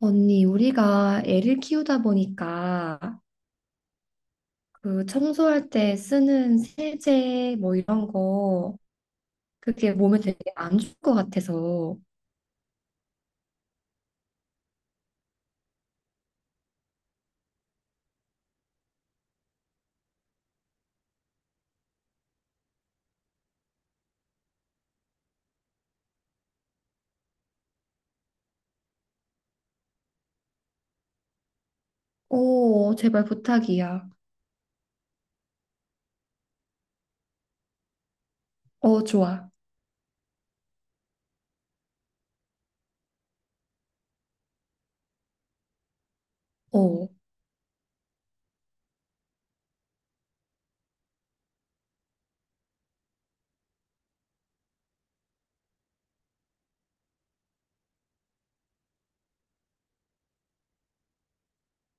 언니, 우리가 애를 키우다 보니까 그 청소할 때 쓰는 세제 뭐 이런 거, 그게 몸에 되게 안 좋을 것 같아서. 어 제발 부탁이야. 어 좋아. 어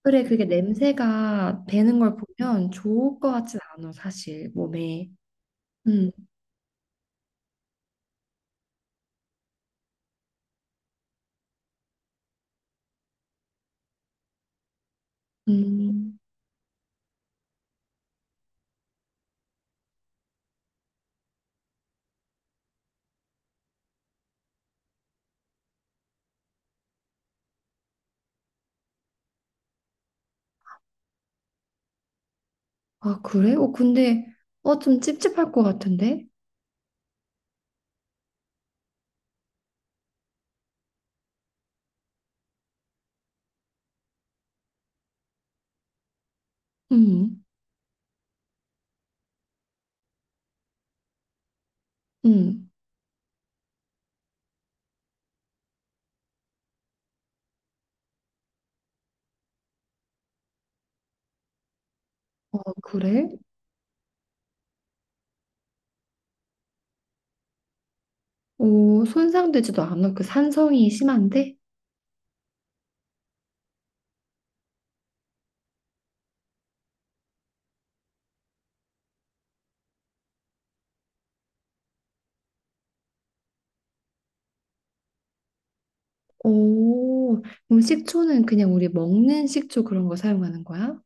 그래, 그게 냄새가 배는 걸 보면 좋을 것 같진 않아 사실 몸에. 음. 음. 아 그래? 어 근데 어 좀 찝찝할 것 같은데? 음. 음. 어 그래? 오 손상되지도 않아. 그 산성이 심한데? 오, 그럼 식초는 그냥 우리 먹는 식초 그런 거 사용하는 거야?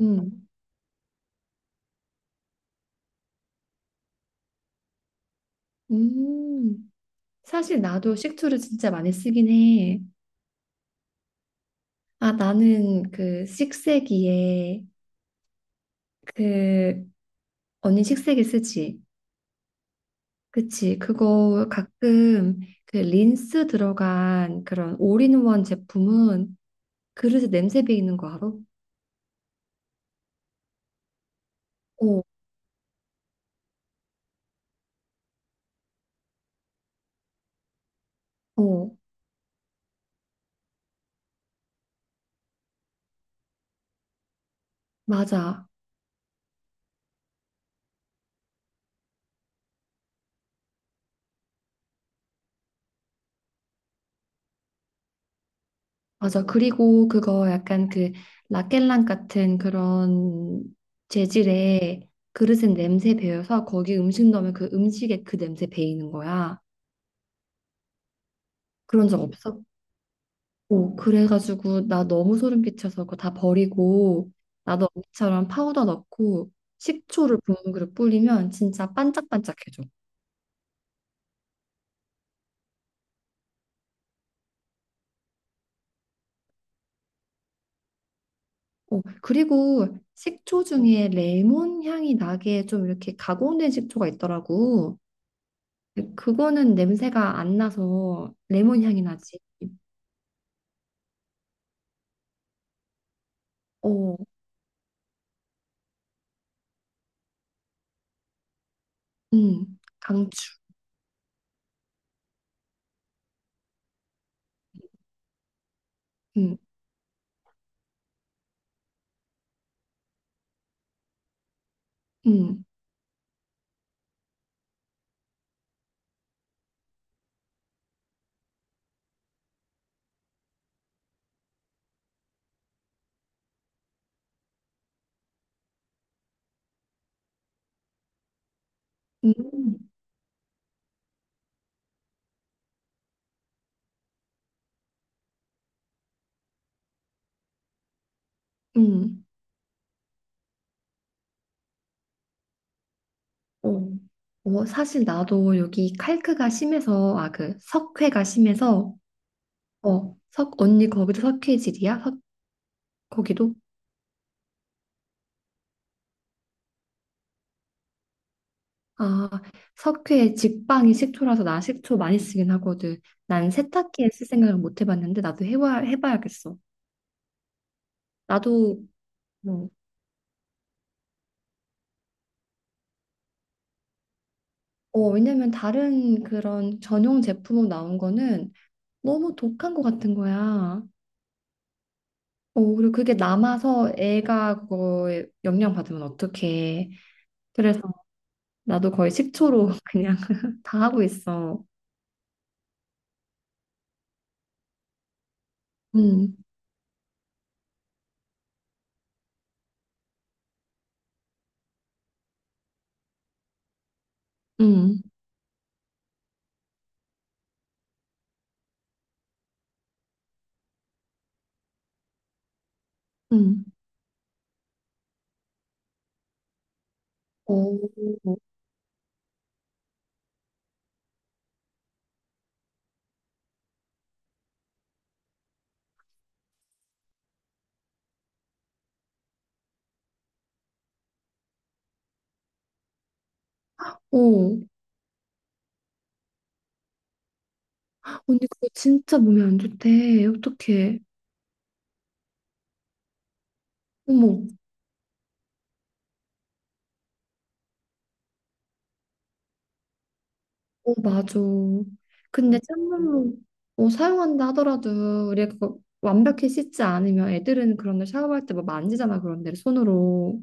음, 음. 사실 나도 식초를 진짜 많이 쓰긴 해. 아, 나는 그 식세기에 그 언니 식세기 쓰지? 그치? 그거 가끔 그 린스 들어간 그런 올인원 제품은 그릇에 냄새 배이는 거 알아? 어, 어, 맞아. 맞아. 그리고 그거 약간 그 라켈랑 같은 그런 재질의 그릇에 냄새 배어서 거기 음식 넣으면 그 음식에 그 냄새 배이는 거야. 그런 적 없어? 오, 그래가지고 나 너무 소름 끼쳐서 그거 다 버리고 나도 언니처럼 파우더 넣고 식초를 붓는 그릇 뿌리면 진짜 반짝반짝해져. 오, 그리고 식초 중에 레몬 향이 나게 좀 이렇게 가공된 식초가 있더라고. 그거는 냄새가 안 나서 레몬 향이 나지. 어, 강추. 음, 음, 음, 음, 어. 어, 사실 나도 여기 칼크가 심해서, 아, 그 석회가 심해서, 어, 석, 언니 거기도 석회질이야? 석, 거기도? 아, 석회 직방이 식초라서 나 식초 많이 쓰긴 하거든. 난 세탁기에 쓸 생각을 못 해봤는데, 나도 해봐, 해봐야겠어. 나도 뭐 어, 왜냐면 다른 그런 전용 제품으로 나온 거는 너무 독한 것 같은 거야. 어, 그리고 그게 남아서 애가 그거에 영향 받으면 어떡해. 그래서 나도 거의 식초로 그냥 다 하고 있어. 응, 응, 응. 어, 어. 언니 그거 진짜 몸에 안 좋대. 어떡해. 어머. 어, 맞아. 근데 찬물로 어, 사용한다 하더라도 우리가 그거 완벽히 씻지 않으면 애들은 그런데 샤워할 때 뭐 만지잖아, 그런 데를 손으로.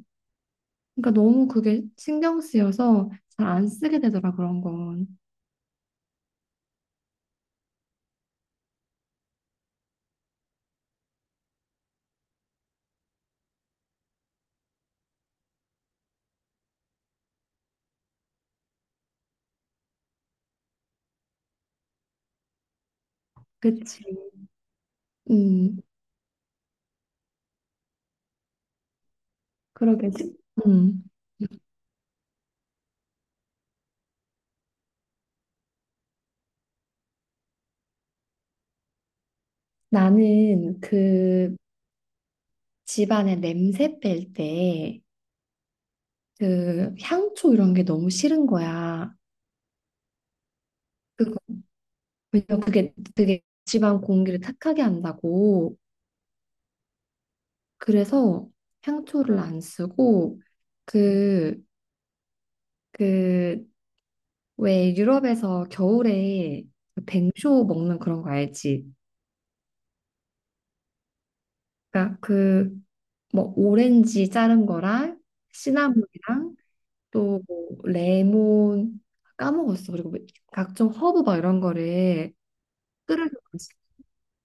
그러니까 너무 그게 신경 쓰여서 잘 안 쓰게 되더라 그런 건. 그치. 음, 그러게. 음, 나는 그 집안에 냄새 뺄 때 그 향초 이런 게 너무 싫은 거야. 그거 왜냐면 그게 되게 집안 공기를 탁하게 한다고. 그래서 향초를 안 쓰고 그, 그, 왜 유럽에서 겨울에 그 뱅쇼 먹는 그런 거 알지? 그러니까 그 뭐 오렌지 자른 거랑 시나몬이랑 또뭐 레몬 까먹었어. 그리고 뭐 각종 허브 막 이런 거를 끓여서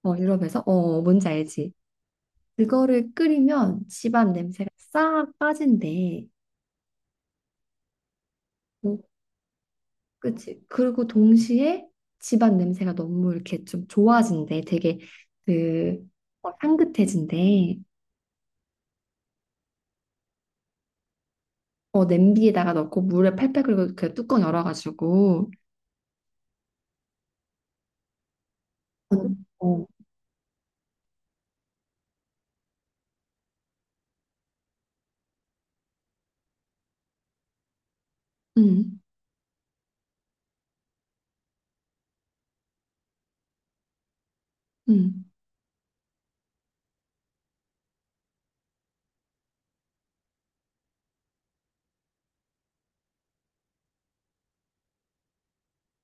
어, 유럽에서 어 뭔지 알지? 그거를 끓이면 집안 냄새가 싹 빠진대. 뭐 그치. 그리고 동시에 집안 냄새가 너무 이렇게 좀 좋아진대. 되게 그 어, 향긋해진대. 어, 냄비에다가 넣고 물에 팔팔 끓이고 그 뚜껑 열어가지고. 음. 어. 음, 음,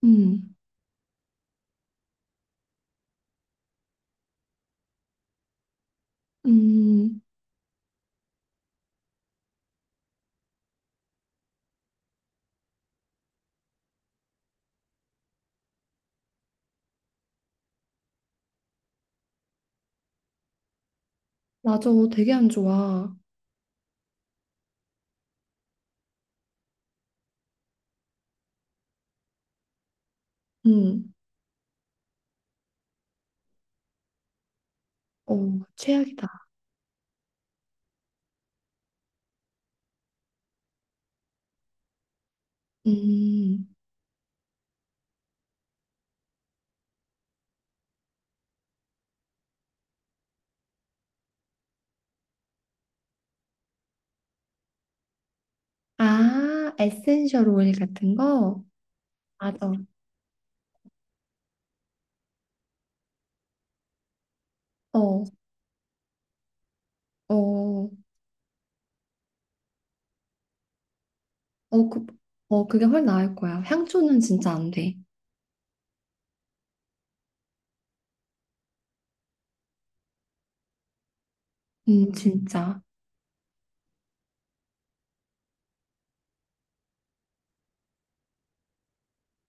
음, 음. 맞아. 되게 안 좋아. 음. 어, 최악이다. 음. 아, 에센셜 오일 같은 거? 맞아. 어, 어, 어, 그, 어, 그게 훨씬 나을 거야. 향초는 진짜 안 돼. 진짜.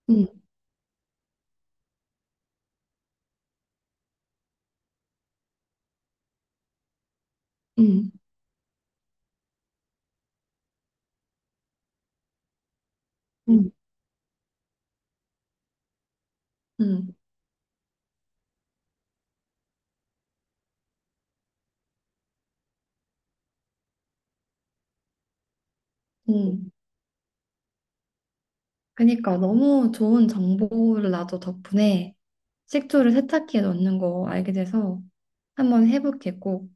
음, 음, 음, 음, 음. 그러니까 너무 좋은 정보를 나도 덕분에 식초를 세탁기에 넣는 거 알게 돼서 한번 해볼게, 꼭.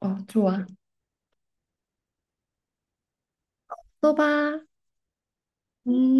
어, 좋아. 써봐. 음.